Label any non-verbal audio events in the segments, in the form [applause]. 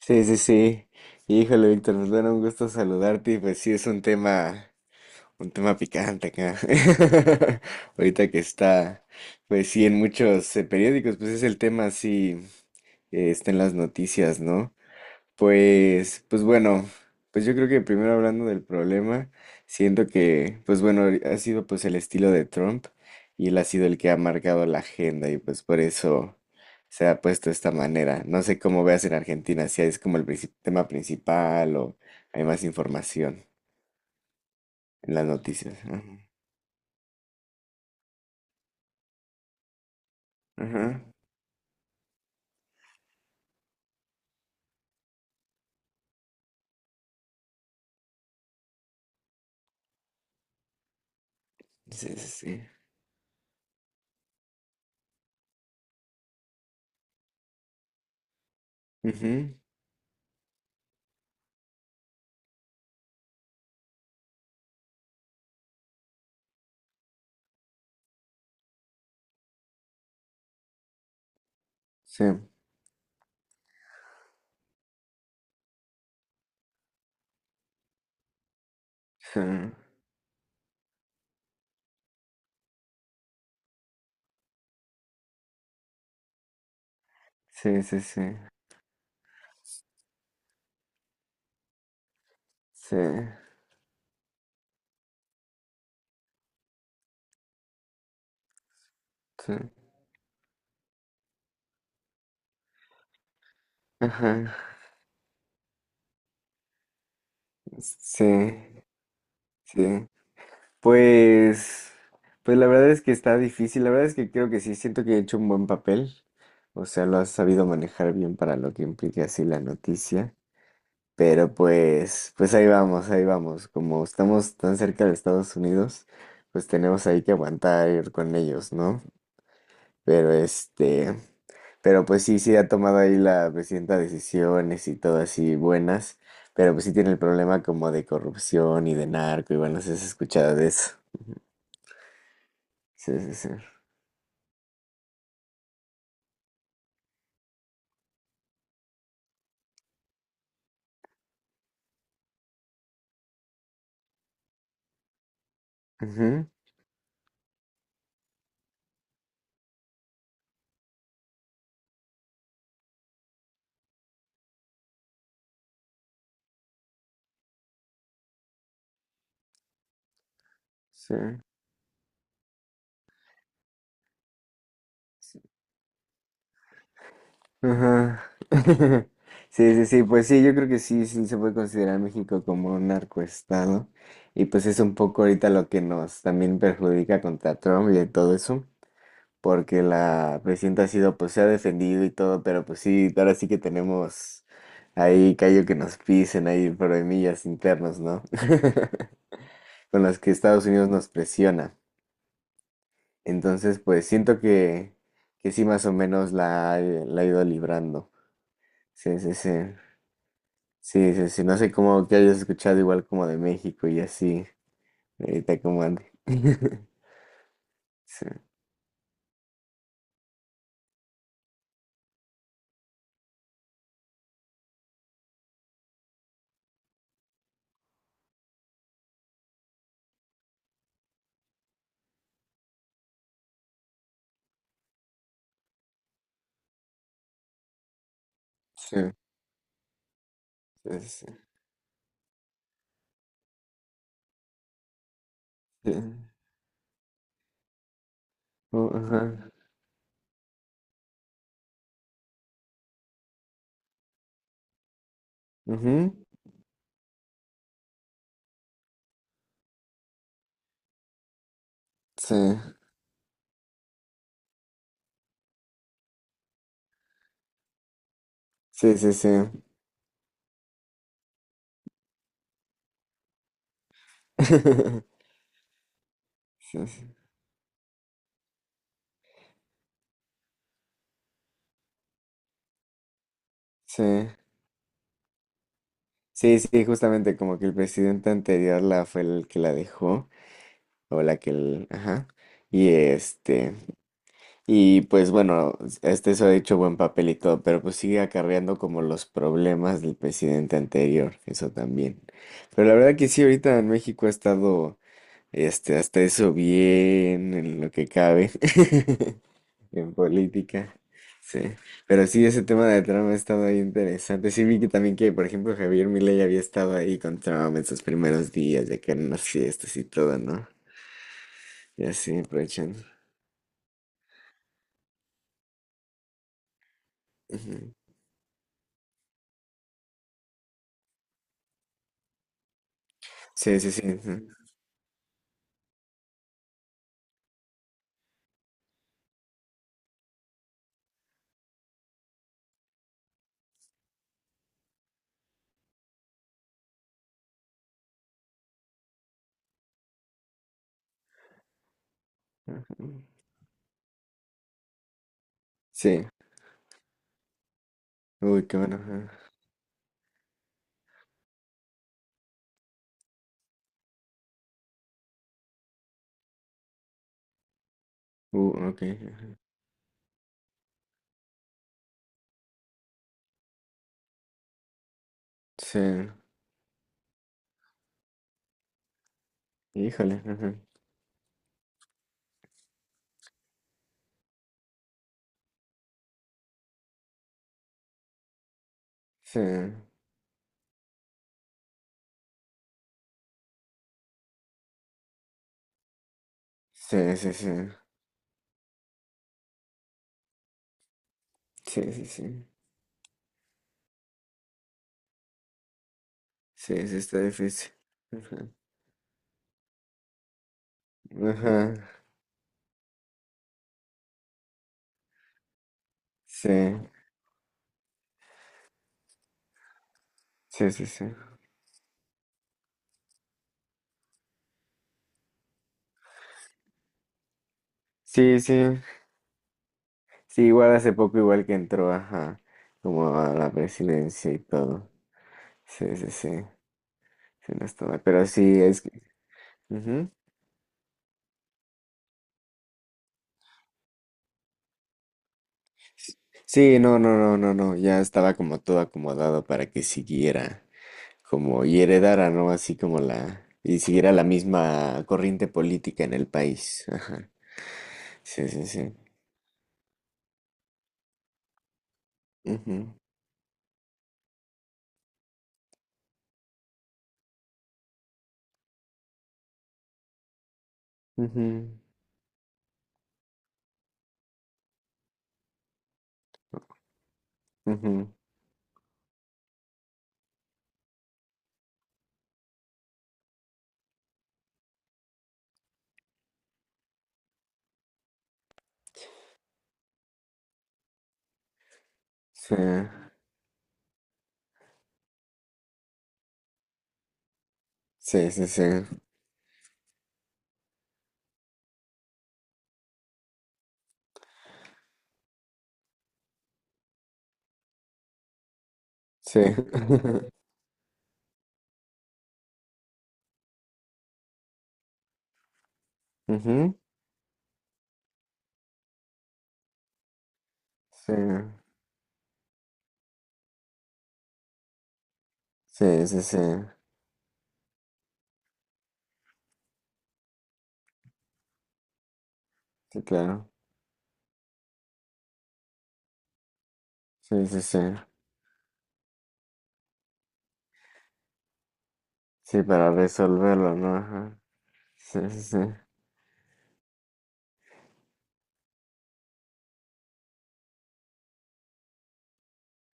Sí, sí, sí. Híjole, Víctor, nos da un gusto saludarte y pues sí es un tema picante acá. [laughs] Ahorita que está, pues sí, en muchos periódicos, pues es el tema así, está en las noticias, ¿no? Pues bueno, pues yo creo que primero hablando del problema, siento que, pues bueno, ha sido pues el estilo de Trump y él ha sido el que ha marcado la agenda y pues por eso se ha puesto de esta manera. No sé cómo veas en Argentina, si es como el tema principal o hay más información en las noticias. Ajá, ajá, sí, sí, sí. Ujú, sí, sí, sí, sí, sí, sí, sí, ajá, sí, sí. Pues, pues la verdad es que está difícil, la verdad es que creo que sí, siento que he hecho un buen papel, o sea, lo has sabido manejar bien para lo que implica así la noticia, pero pues, pues ahí vamos, como estamos tan cerca de Estados Unidos, pues tenemos ahí que aguantar ir con ellos, ¿no? Pero este, pero pues sí, sí ha tomado ahí la presidenta decisiones y todo así buenas, pero pues sí tiene el problema como de corrupción y de narco y bueno, se has escuchado de eso. Sí, sí, sí. Ujú, sí. Ajá. [laughs] Sí, sí, sí, pues sí, yo creo que sí, sí se puede considerar México como un narcoestado. Y pues es un poco ahorita lo que nos también perjudica contra Trump y todo eso, porque la presidenta ha sido, pues se ha defendido y todo, pero pues sí, ahora sí que tenemos ahí callo que nos pisen, ahí problemillas internos, ¿no? [laughs] Con las que Estados Unidos nos presiona. Entonces, pues siento que sí, más o menos la, la he ido librando. Sí, sí, sí. Sí, sí, sí. No sé cómo que hayas escuchado igual como de México y así. Ahorita como ande. [laughs] Sí, sí, sí, sí. Sí. Oh, ajá. Ujú. Sí, sí, sí, sí. [laughs] Sí, sí. Sí, sí, sí, justamente como que el presidente anterior la fue el que la dejó, o la que el, ajá. Y este. Y pues bueno, este eso ha hecho buen papel y todo, pero pues sigue acarreando como los problemas del presidente anterior, eso también. Pero la verdad que sí, ahorita en México ha estado, este, hasta eso bien, en lo que cabe, [laughs] en política. Sí, pero sí, ese tema de Trump ha estado ahí interesante. Sí, vi que también que, por ejemplo, Javier Milei había estado ahí con Trump en sus primeros días, de que en las fiestas y todo, ¿no? Y así, aprovechando. Ujú. Sí, sí, sí. Ujú. Sí. Uy, qué bueno. Ajá. Ok. Ajá. Sí. Híjole. Ajá. Sí. Sí, sí, sí. Sí, sí, sí. Sí, sí, está difícil. Ajá. Ajá. Sí. Sí, sí, sí. Sí, sí. Sí, igual hace poco, igual que entró, ajá. Como a la presidencia y todo. Sí, sí, sí. Sí, no estaba. Pero sí, es que. Ujú. Sí, no, no, no, no, no. Ya estaba como todo acomodado para que siguiera. Como y heredara, ¿no? Así como la, y siguiera la misma corriente política en el país. Ajá. Sí, sí, sí. Ujú, ujú, ujú. Sí, sí, sí, sí. Sí. [laughs] Ujú. Sí, sí, sí, sí. Sí, claro. Sí, sí, sí. Sí, para resolverlo, ¿no? Ajá. Sí, sí, sí.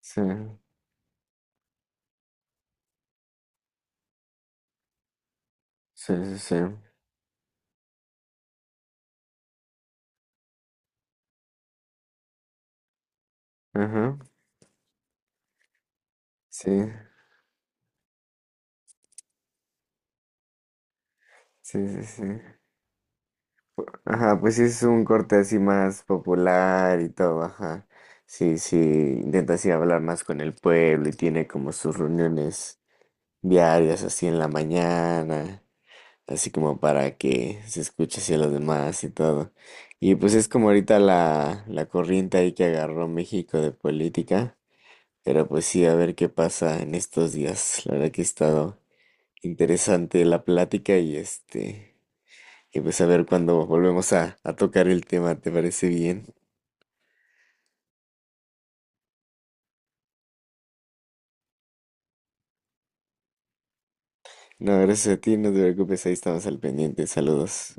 Sí, sí, sí, sí. Ajá. Sí, sí, sí, sí. Ajá, pues sí es un corte así más popular y todo, ajá. Sí, sí, intenta así hablar más con el pueblo y tiene como sus reuniones diarias así en la mañana, así como para que se escuche así a los demás y todo. Y pues es como ahorita la, la corriente ahí que agarró México de política, pero pues sí, a ver qué pasa en estos días. La verdad que ha estado interesante la plática y este... Y pues a ver cuando volvemos a tocar el tema, ¿te parece bien? No, gracias a ti, no te preocupes, ahí estamos al pendiente. Saludos.